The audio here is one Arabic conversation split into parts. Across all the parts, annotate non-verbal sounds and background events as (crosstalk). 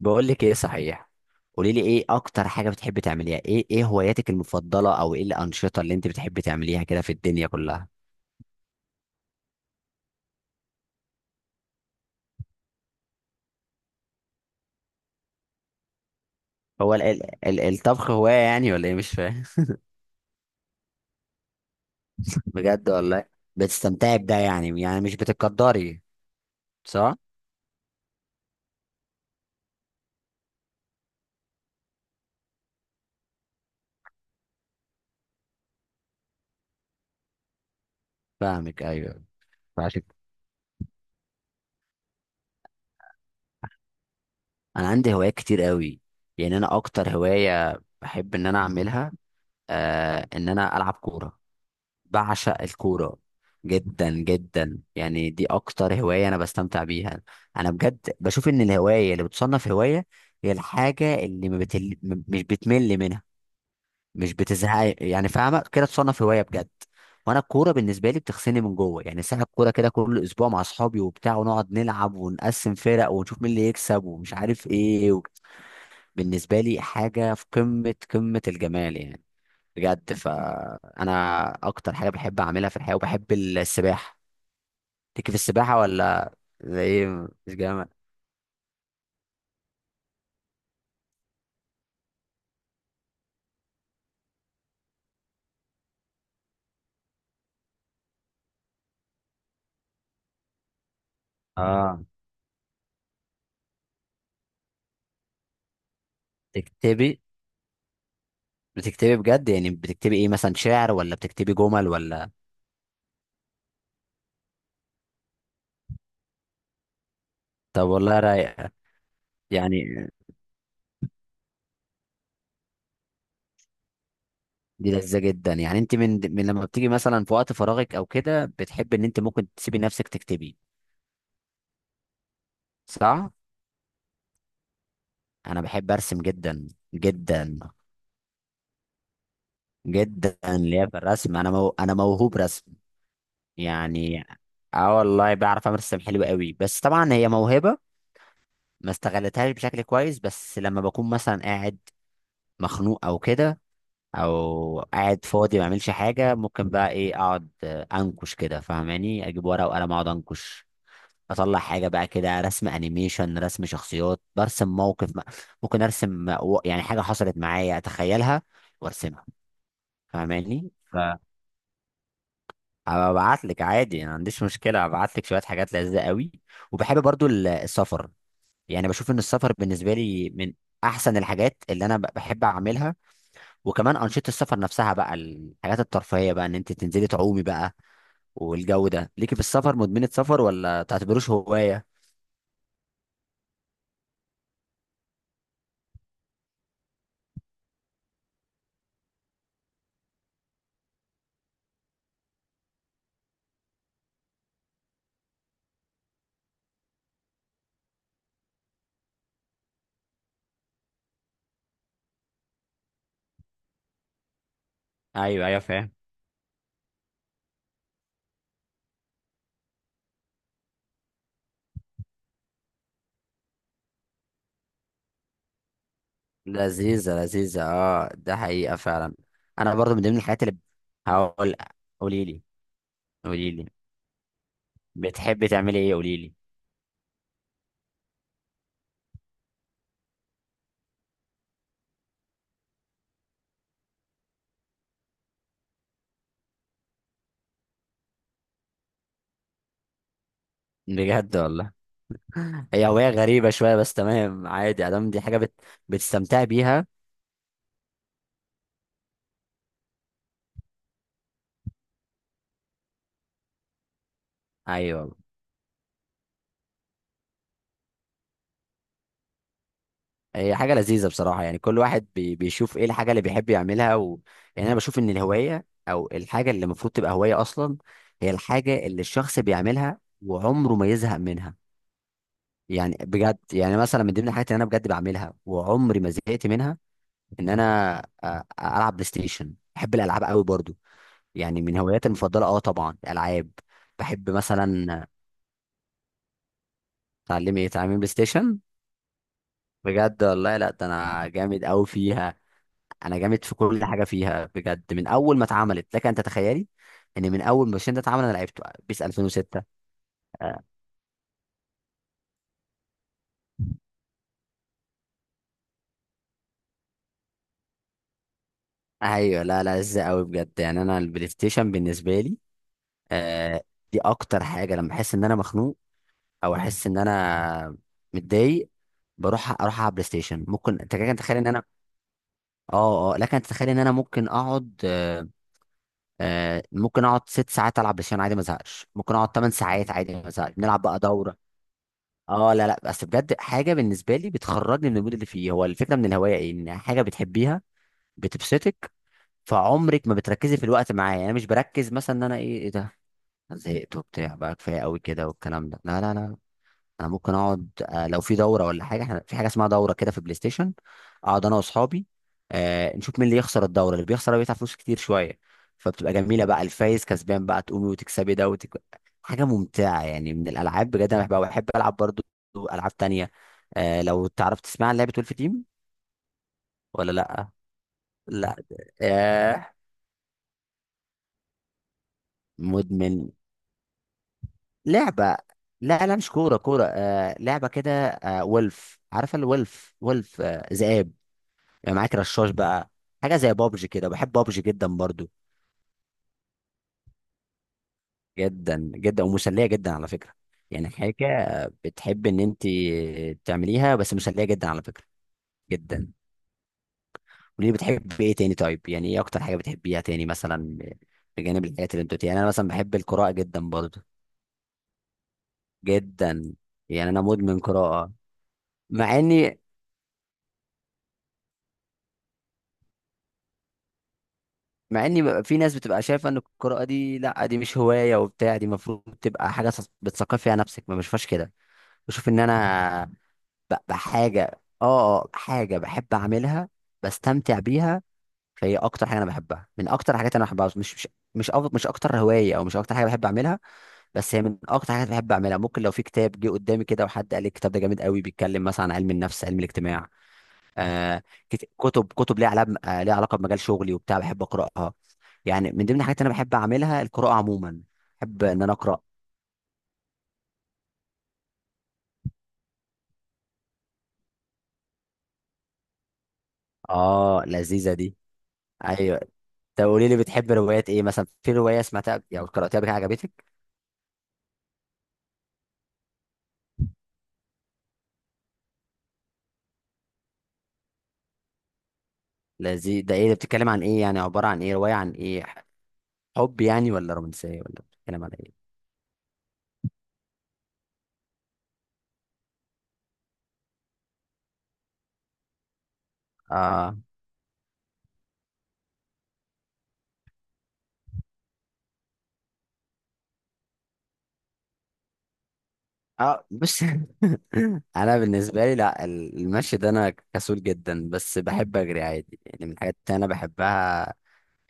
بقول لك ايه، صحيح. قولي لي ايه اكتر حاجه بتحبي تعمليها، ايه هواياتك المفضله، او ايه الانشطه اللي انت بتحبي تعمليها كده في الدنيا كلها. هو ال ال ال الطبخ هوايه يعني ولا ايه، مش فاهم. (laughs) بجد والله؟ بتستمتعي بده يعني مش بتقدري. صح. فاهمك، ايوه. فعشان انا عندي هوايات كتير قوي. يعني انا اكتر هوايه بحب ان انا اعملها، ان انا العب كوره. بعشق الكورة جدا جدا، يعني دي أكتر هواية أنا بستمتع بيها. أنا بجد بشوف إن الهواية اللي بتصنف هواية هي الحاجة اللي ما بتل... م- مش بتمل منها، مش بتزهق، يعني فاهمة كده، تصنف هواية بجد. وأنا الكورة بالنسبة لي بتغسلني من جوه، يعني ساعة الكورة كده كل أسبوع مع أصحابي وبتاع، ونقعد نلعب ونقسم فرق ونشوف مين اللي يكسب ومش عارف إيه بالنسبة لي حاجة في قمة قمة الجمال يعني، بجد. فانا اكتر حاجه بحب اعملها في الحياه، وبحب السباحه. ليكي في السباحه ولا؟ زي ايه، مش جامد؟ اه. بتكتبي بتكتبي بجد؟ يعني بتكتبي ايه مثلا، شعر ولا بتكتبي جمل ولا؟ طب والله رايق. يعني دي لذيذه جدا، يعني انت من لما بتيجي مثلا في وقت فراغك او كده بتحب ان انت ممكن تسيبي نفسك تكتبي. صح. انا بحب ارسم جدا جدا. جدا ليا في الرسم، انا موهوب رسم، يعني. اه والله، بعرف امارس السباحه حلو قوي، بس طبعا هي موهبه ما استغلتهاش بشكل كويس. بس لما بكون مثلا قاعد مخنوق او كده، او قاعد فاضي ما اعملش حاجه، ممكن بقى ايه اقعد انكش كده، فاهماني، اجيب ورقه وقلم اقعد انكش. اطلع حاجه بقى كده، رسم انيميشن، رسم شخصيات، برسم موقف ممكن ارسم يعني حاجه حصلت معايا اتخيلها وارسمها، فاهماني. هبعت لك عادي، ما عنديش مشكله، هبعت لك شويه حاجات لذيذه قوي. وبحب برضو السفر. يعني بشوف ان السفر بالنسبه لي من احسن الحاجات اللي انا بحب اعملها. وكمان انشطه السفر نفسها بقى، الحاجات الترفيهيه بقى، ان انت تنزلي تعومي بقى والجو ده. ليكي في السفر، مدمنه سفر ولا تعتبروش هوايه؟ ايوه ايوه، فاهم. لذيذه لذيذه، اه، ده حقيقه فعلا. انا برضو من ضمن الحاجات اللي هقول. قولي لي، قولي لي. بتحبي تعملي ايه، قولي لي. بجد والله؟ هي هواية غريبة شوية بس تمام، عادي، ادام دي حاجة بتستمتع بيها، ايوه. هي حاجة لذيذة بصراحة، يعني كل واحد بيشوف ايه الحاجة اللي بيحب يعملها يعني انا بشوف ان الهواية او الحاجة اللي المفروض تبقى هواية اصلا، هي الحاجة اللي الشخص بيعملها وعمره ما يزهق منها. يعني بجد، يعني مثلا من ضمن الحاجات اللي انا بجد بعملها وعمري ما زهقت منها، ان انا العب بلاي ستيشن. بحب الالعاب قوي برضو، يعني من هواياتي المفضلة، اه طبعا الالعاب. بحب مثلا. تعلمي ايه، تعلمي بلاي ستيشن؟ بجد والله، لا ده انا جامد قوي فيها. انا جامد في كل حاجه فيها بجد، من اول ما اتعملت، لك انت تخيلي ان من اول ما الشين ده اتعمل انا لعبته، بيس 2006. آه. ايوه. لا لا، لذة قوي بجد، يعني انا البلاي ستيشن بالنسبه لي، آه دي اكتر حاجه لما احس ان انا مخنوق او احس ان انا متضايق، اروح على بلاي ستيشن. ممكن انت كده تتخيل ان انا، اه لكن انت تتخيل ان انا ممكن اقعد ممكن اقعد ست ساعات العب بلاي ستيشن عادي ما ازهقش، ممكن اقعد 8 ساعات عادي ما ازهقش. بنلعب بقى دوره. اه لا لا، بس بجد حاجه بالنسبه لي بتخرجني من المود اللي فيه، هو الفكره من الهوايه ايه، ان حاجه بتحبيها بتبسطك، فعمرك ما بتركزي في الوقت. معايا يعني انا مش بركز مثلا ان انا ايه، ايه ده، زهقت وبتاع بقى كفايه قوي كده والكلام ده، لا لا لا. انا ممكن اقعد لو في دوره ولا حاجه. احنا في حاجه اسمها دوره كده في بلاي ستيشن، اقعد انا واصحابي، نشوف مين اللي يخسر الدوره، اللي بيخسر هو بيدفع فلوس كتير شويه، فبتبقى جميله بقى، الفايز كسبان بقى، تقومي وتكسبي ده حاجه ممتعه يعني من الالعاب بجد. انا بحب العب برضو العاب تانية. لو تعرف تسمع عن لعبه ولف تيم ولا لا؟ لا. آه، مدمن لعبه. لا لا، مش كوره كوره، لعبه كده، ولف، عارفه الولف؟ ولف ذئاب، يعني معاك رشاش بقى. حاجه زي بابجي كده، بحب بابجي جدا برضو، جدا جدا، ومسليه جدا على فكره. يعني حاجه بتحب ان انت تعمليها بس مسليه جدا على فكره، جدا. وليه، بتحب ايه تاني؟ طيب، يعني ايه اكتر حاجه بتحبيها تاني مثلا، بجانب الحاجات اللي انت قلتيها؟ يعني انا مثلا بحب القراءه جدا برضو، جدا. يعني انا مدمن قراءه. مع اني مع اني في ناس بتبقى شايفه ان القراءه دي لا، دي مش هوايه وبتاع، دي المفروض تبقى حاجه بتثقف فيها نفسك. ما بشوفهاش كده، بشوف ان انا بحاجة، حاجة بحب أعملها، بستمتع بيها. فهي أكتر حاجة أنا بحبها، من أكتر الحاجات أنا بحبها. مش أكتر هواية، أو مش أكتر حاجة بحب أعملها، بس هي من أكتر حاجات بحب أعملها. ممكن لو في كتاب جه قدامي كده، وحد قال لي الكتاب ده جامد قوي، بيتكلم مثلا عن علم النفس، علم الاجتماع، آه كتب ليها علاقة، ليها علاقة بمجال شغلي وبتاع، بحب أقرأها. يعني من ضمن الحاجات اللي أنا بحب أعملها القراءة عموما، بحب إن أنا أقرأ. اه لذيذة دي. ايوه. طب قولي لي، بتحب روايات ايه مثلا؟ في روايه سمعتها او قراتها قبل كده، عجبتك؟ لذي ده ايه ده، بتتكلم عن ايه، يعني عباره عن ايه، روايه عن ايه، حب يعني، ولا رومانسيه، ولا بتتكلم عن ايه؟ اه اه، بص. (laughs) انا بالنسبه لي لا، المشي ده انا كسول جدا، بس بحب اجري عادي، يعني من الحاجات اللي انا بحبها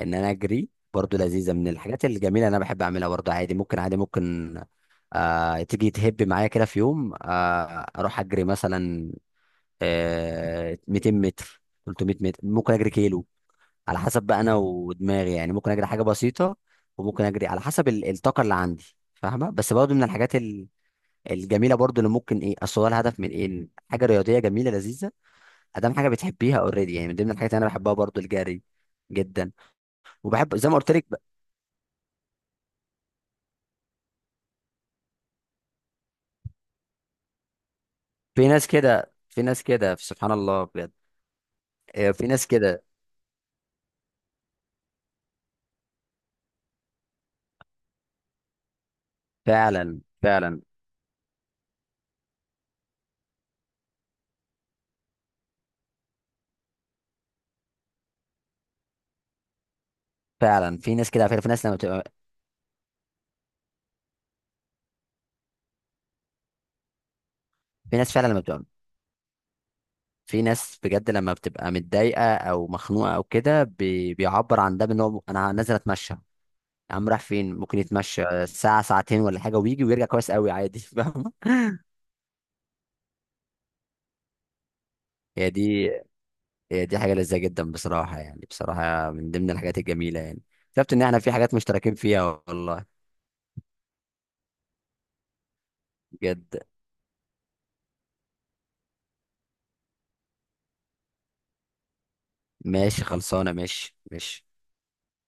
ان انا اجري برضو. لذيذه، من الحاجات الجميله اللي انا بحب اعملها برضو، عادي ممكن، تيجي تهب معايا كده في يوم، اروح اجري مثلا، 200 متر، 300 متر، ممكن اجري كيلو، على حسب بقى انا ودماغي. يعني ممكن اجري حاجه بسيطه، وممكن اجري على حسب الطاقه اللي عندي، فاهمه. بس برضه من الحاجات الجميله برضه، اللي ممكن ايه، اصل هو الهدف من ايه، إن حاجه رياضيه جميله لذيذه، ادام حاجه بتحبيها اوريدي. يعني من ضمن الحاجات اللي انا بحبها برضه الجري، جدا. وبحب زي ما قلت لك. في ناس كده، في ناس كده، سبحان الله بجد. في ناس كده. فعلا فعلا. فعلا في ناس كده على فكرة، في ناس لما بتبقى، في ناس فعلا لما بتبقى، في ناس بجد لما بتبقى متضايقه او مخنوقه او كده، بيعبر عن ده بان هو انا نازل اتمشى. يا عم راح فين، ممكن يتمشى ساعه ساعتين ولا حاجه ويجي ويرجع كويس قوي عادي. (laughs) فاهم. هي دي هي دي حاجه لذيذه جدا بصراحه، يعني بصراحه من ضمن الحاجات الجميله يعني. شفت ان احنا في حاجات مشتركين فيها، والله بجد. ماشي، خلصانه، ماشي ماشي.